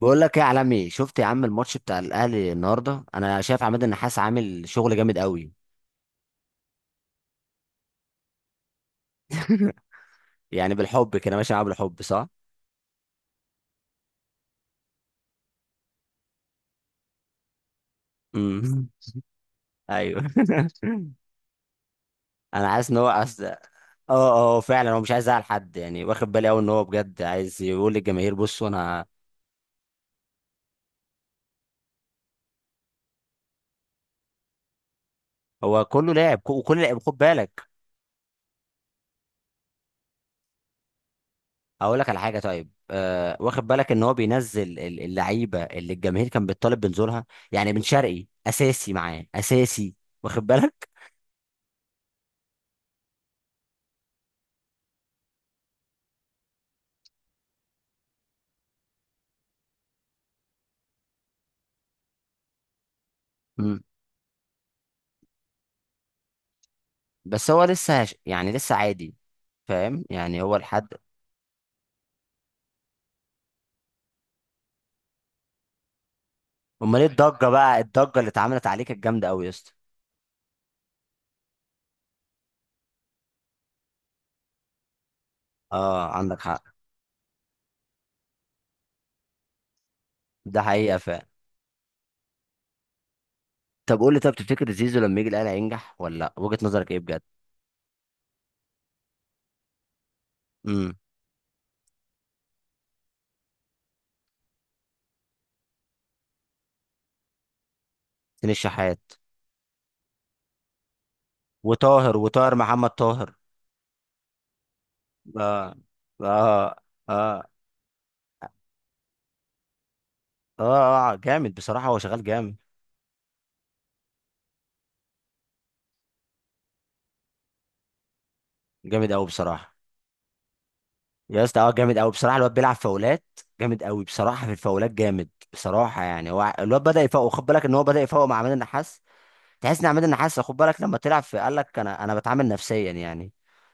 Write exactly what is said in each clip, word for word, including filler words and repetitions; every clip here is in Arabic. بقول لك ايه يا عالمي؟ شفت يا عم الماتش بتاع الاهلي النهارده؟ انا شايف عماد النحاس عامل شغل جامد قوي. يعني بالحب كده ماشي معاه، بالحب، صح. امم ايوه. انا حاسس ان هو عايز. اه اه فعلا هو مش عايز يزعل حد، يعني واخد بالي قوي ان هو بجد عايز يقول للجماهير بصوا انا. هو كله لعب، كو- وكل لعب، خد بالك. هقول لك على حاجه. طيب، آه واخد بالك ان هو بينزل ال- اللعيبه اللي الجماهير كان بتطالب بنزولها؟ يعني بن شرقي اساسي، معاه اساسي، واخد بالك. بس هو لسه هش... يعني لسه عادي. فاهم يعني، هو لحد. امال ايه الضجه بقى، الضجه اللي اتعملت عليه كانت جامده قوي يا اسطى. اه عندك حق. ده حقيقه فعلا. طب قول لي، طب تفتكر زيزو لما يجي الاهلي هينجح ولا لا؟ وجهه نظرك ايه بجد؟ امم حسين الشحات. وطاهر، وطاهر، محمد طاهر. اه. اه اه اه, آه. جامد بصراحه، هو شغال جامد. جامد قوي بصراحه يا اسطى. اه جامد قوي بصراحه، الواد بيلعب فاولات جامد قوي بصراحه، في الفاولات جامد بصراحه. يعني هو الواد بدا يفوق، خد بالك ان هو بدا يفوق مع عماد النحاس. تحس ان عماد النحاس خد بالك لما طلع في قال لك انا انا بتعامل نفسيا يعني.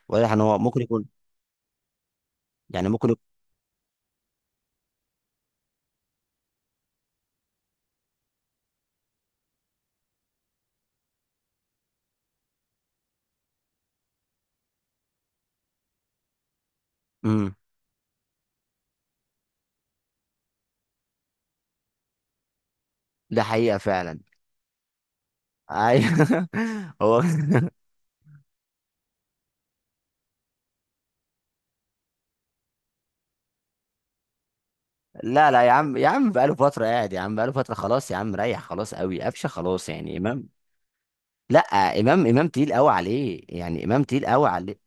واضح ان هو ممكن يكون، يعني ممكن يكون. امم ده حقيقه فعلا. ايوه. هو لا لا يا عم، يا عم بقاله فتره قاعد، يا عم بقاله فتره، خلاص يا عم، ريح خلاص قوي قفشه خلاص، يعني امام. لا، امام امام تقيل قوي عليه، يعني امام تقيل قوي عليه.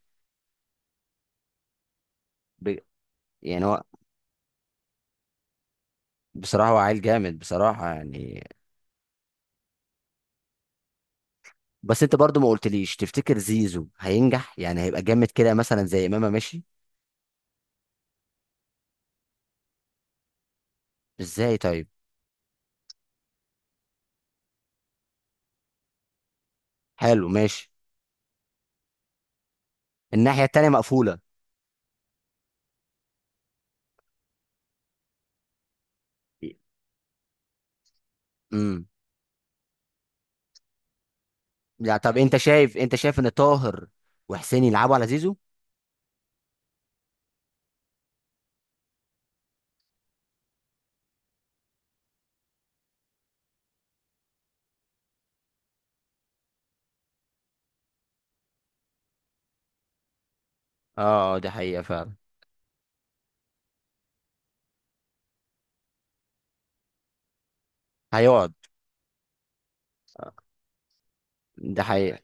ب... يعني هو بصراحه هو عيل جامد بصراحه يعني. بس انت برضو ما قلتليش، تفتكر زيزو هينجح؟ يعني هيبقى جامد كده مثلا زي امام؟ ماشي. ازاي طيب؟ حلو ماشي. الناحية التانية مقفولة. امم لا طب انت شايف، انت شايف ان طاهر وحسين يلعبوا على زيزو. اه، آه، ده حقيقة فعلا. هيقعد. ده حقيقة.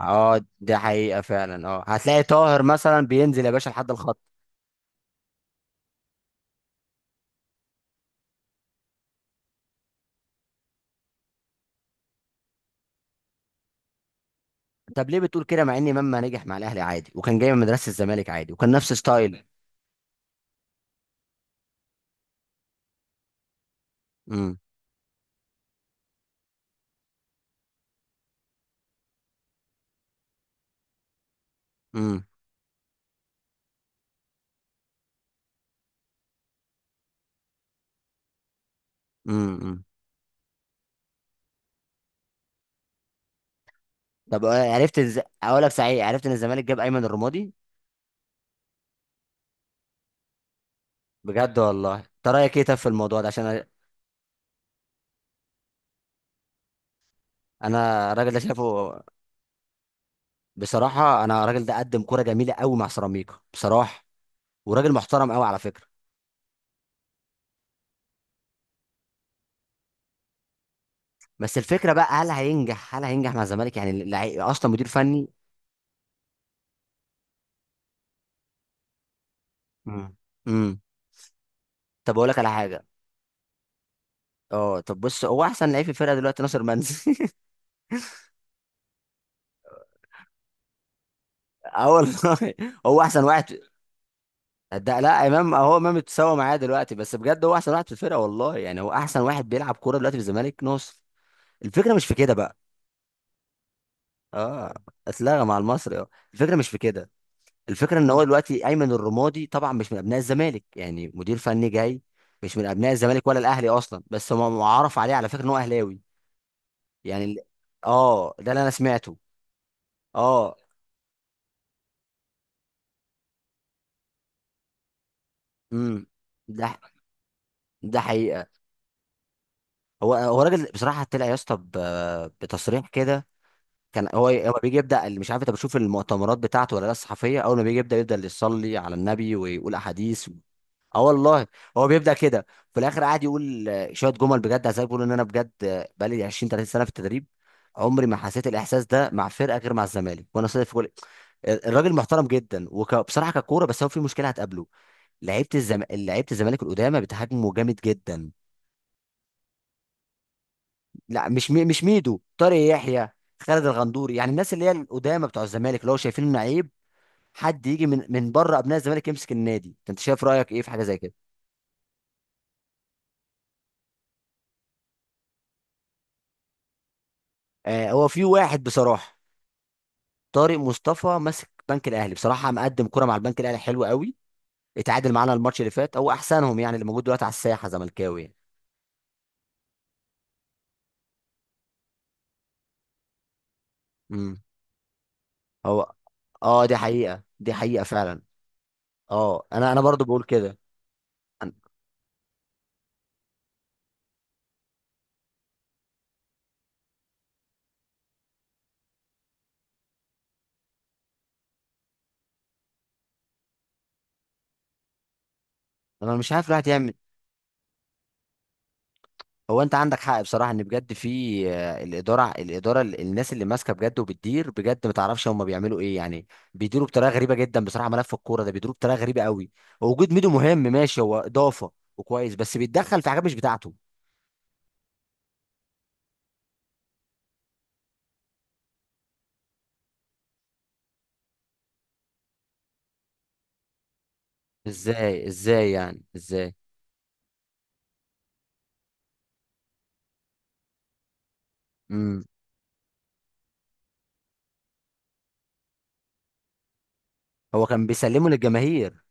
اه ده حقيقة فعلا. اه هتلاقي طاهر مثلا بينزل يا باشا لحد الخط. طب ليه بتقول كده؟ مع ان امام ما نجح مع الاهلي عادي، وكان جاي من مدرسة الزمالك عادي، وكان نفس ستايل. امم امم امم طب، آه، عرفت إز... اقول لك صحيح، عرفت ان الزمالك جاب ايمن الرمادي؟ بجد والله، انت رايك ايه طب في الموضوع ده؟ عشان انا، أنا الراجل ده شايفه بصراحه. انا الراجل ده قدم كوره جميله قوي مع سيراميكا بصراحه، وراجل محترم قوي على فكره. بس الفكره بقى، هل هينجح، هل هينجح مع الزمالك؟ يعني اللعيب اصلا مدير فني. مم. امم طب اقول لك على حاجه. اه طب بص، هو احسن لعيب في الفرقه دلوقتي ناصر منسي. اه والله، هو احسن واحد. ده لا، امام، هو امام اتساوى معايا دلوقتي، بس بجد هو احسن واحد في الفرقه والله، يعني هو احسن واحد بيلعب كوره دلوقتي في الزمالك، ناصر. الفكره مش في كده بقى. اه، اتلغى مع المصري. اه، الفكره مش في كده. الفكره ان هو دلوقتي ايمن الرمادي طبعا مش من ابناء الزمالك، يعني مدير فني جاي، مش من ابناء الزمالك ولا الاهلي اصلا، بس هم معرف عليه على فكره ان هو اهلاوي، يعني ال- اه ده اللي انا سمعته. اه. امم ده ده حقيقه. هو، هو راجل بصراحه طلع يا اسطى ب- بتصريح كده. كان هو، هو بيجي يبدا، مش عارف انت بتشوف المؤتمرات بتاعته ولا لا، الصحفيه، اول ما بيجي يبدا، يبدا يصلي على النبي ويقول احاديث. اه والله. هو بيبدا كده. في الاخر قاعد يقول، آه، شويه جمل بجد، عايز بيقول ان انا بجد، آه، بقالي عشرين تلاتين سنه في التدريب، عمري ما حسيت الاحساس ده مع فرقه غير مع الزمالك، وانا صادق في كل. الراجل محترم جدا وبصراحه ككوره، بس هو في مشكله هتقابله. لعيبه الزم... لعيبه الزمالك القدامى بتهاجمه جامد جدا. لا مش مي... مش ميدو، طارق يحيى، خالد الغندوري، يعني الناس اللي هي القدامى بتوع الزمالك، اللي هو شايفين انه عيب حد يجي من من بره ابناء الزمالك يمسك النادي. انت شايف رايك ايه في حاجه زي كده؟ آه، هو في واحد بصراحه، طارق مصطفى ماسك بنك الاهلي، بصراحه مقدم كرة مع البنك الاهلي حلو قوي، اتعادل معانا الماتش اللي فات. هو احسنهم يعني اللي موجود دلوقتي على الساحه زملكاوي يعني. امم هو اه، دي حقيقه، دي حقيقه فعلا. اه انا، انا برضو بقول كده. انا، أنا مش عارف الواحد يعمل. هو انت عندك حق بصراحه، ان بجد في آه، الاداره، الاداره ال- الناس اللي ماسكه بجد وبتدير بجد، ما تعرفش هم بيعملوا ايه يعني. بيديروا بطريقه غريبه جدا بصراحه، ملف الكوره ده بيديروا بطريقه غريبه قوي. وجود ميدو مهم، ماشي هو اضافه وكويس، بس بيتدخل في حاجات مش بتاعته. ازاي، ازاي يعني، ازاي؟ امم هو كان بيسلمه للجماهير.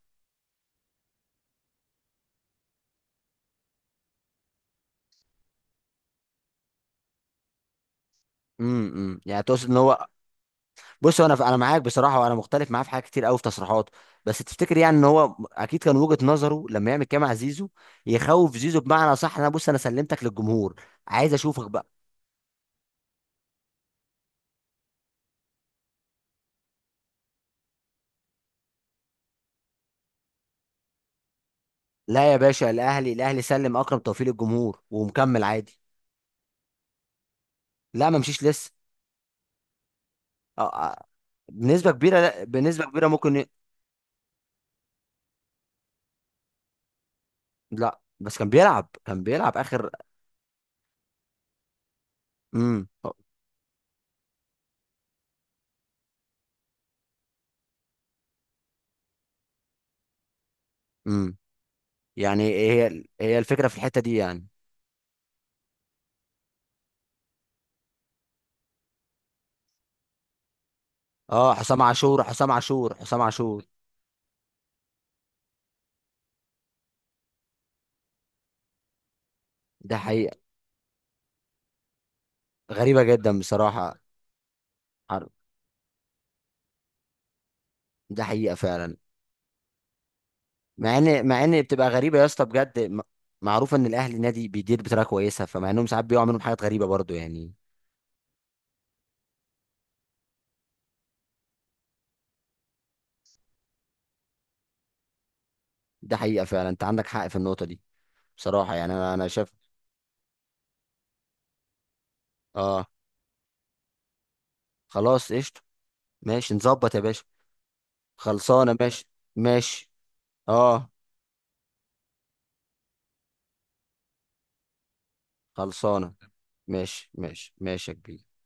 امم إمم. يعني تقصد ان هو، بص هو انا، انا معاك بصراحه، وانا مختلف معاه في حاجات كتير قوي في تصريحاته، بس تفتكر يعني ان هو اكيد كان وجهه نظره لما يعمل كده مع زيزو يخوف زيزو، بمعنى صح انا بص انا سلمتك للجمهور، عايز اشوفك بقى. لا يا باشا، الاهلي، الاهلي سلم اكرم توفيق للجمهور ومكمل عادي. لا ما مشيش لسه. آه، آه، بنسبه كبيره، لا بنسبه كبيره ممكن ي- لا بس كان بيلعب، كان بيلعب اخر. امم امم يعني إيه هي، هي الفكرة في الحتة دي يعني؟ اه، حسام عاشور حسام عاشور حسام عاشور. ده حقيقة. غريبة جدا بصراحة. عر- ده حقيقة فعلا. مع ان، مع ان بتبقى غريبة يا اسطى بجد، م- معروف ان الاهلي نادي بيدير بطريقة كويسة، فمع انهم ساعات بيقعوا منهم حاجات غريبة برضو يعني. ده حقيقة فعلا، انت عندك حق في النقطة دي بصراحة. يعني انا، انا شايف. اه خلاص قشطة. ماشي نظبط يا باشا. خلصانة. ماشي ماشي. اه خلصانة. ماشي ماشي ماشي يا كبير.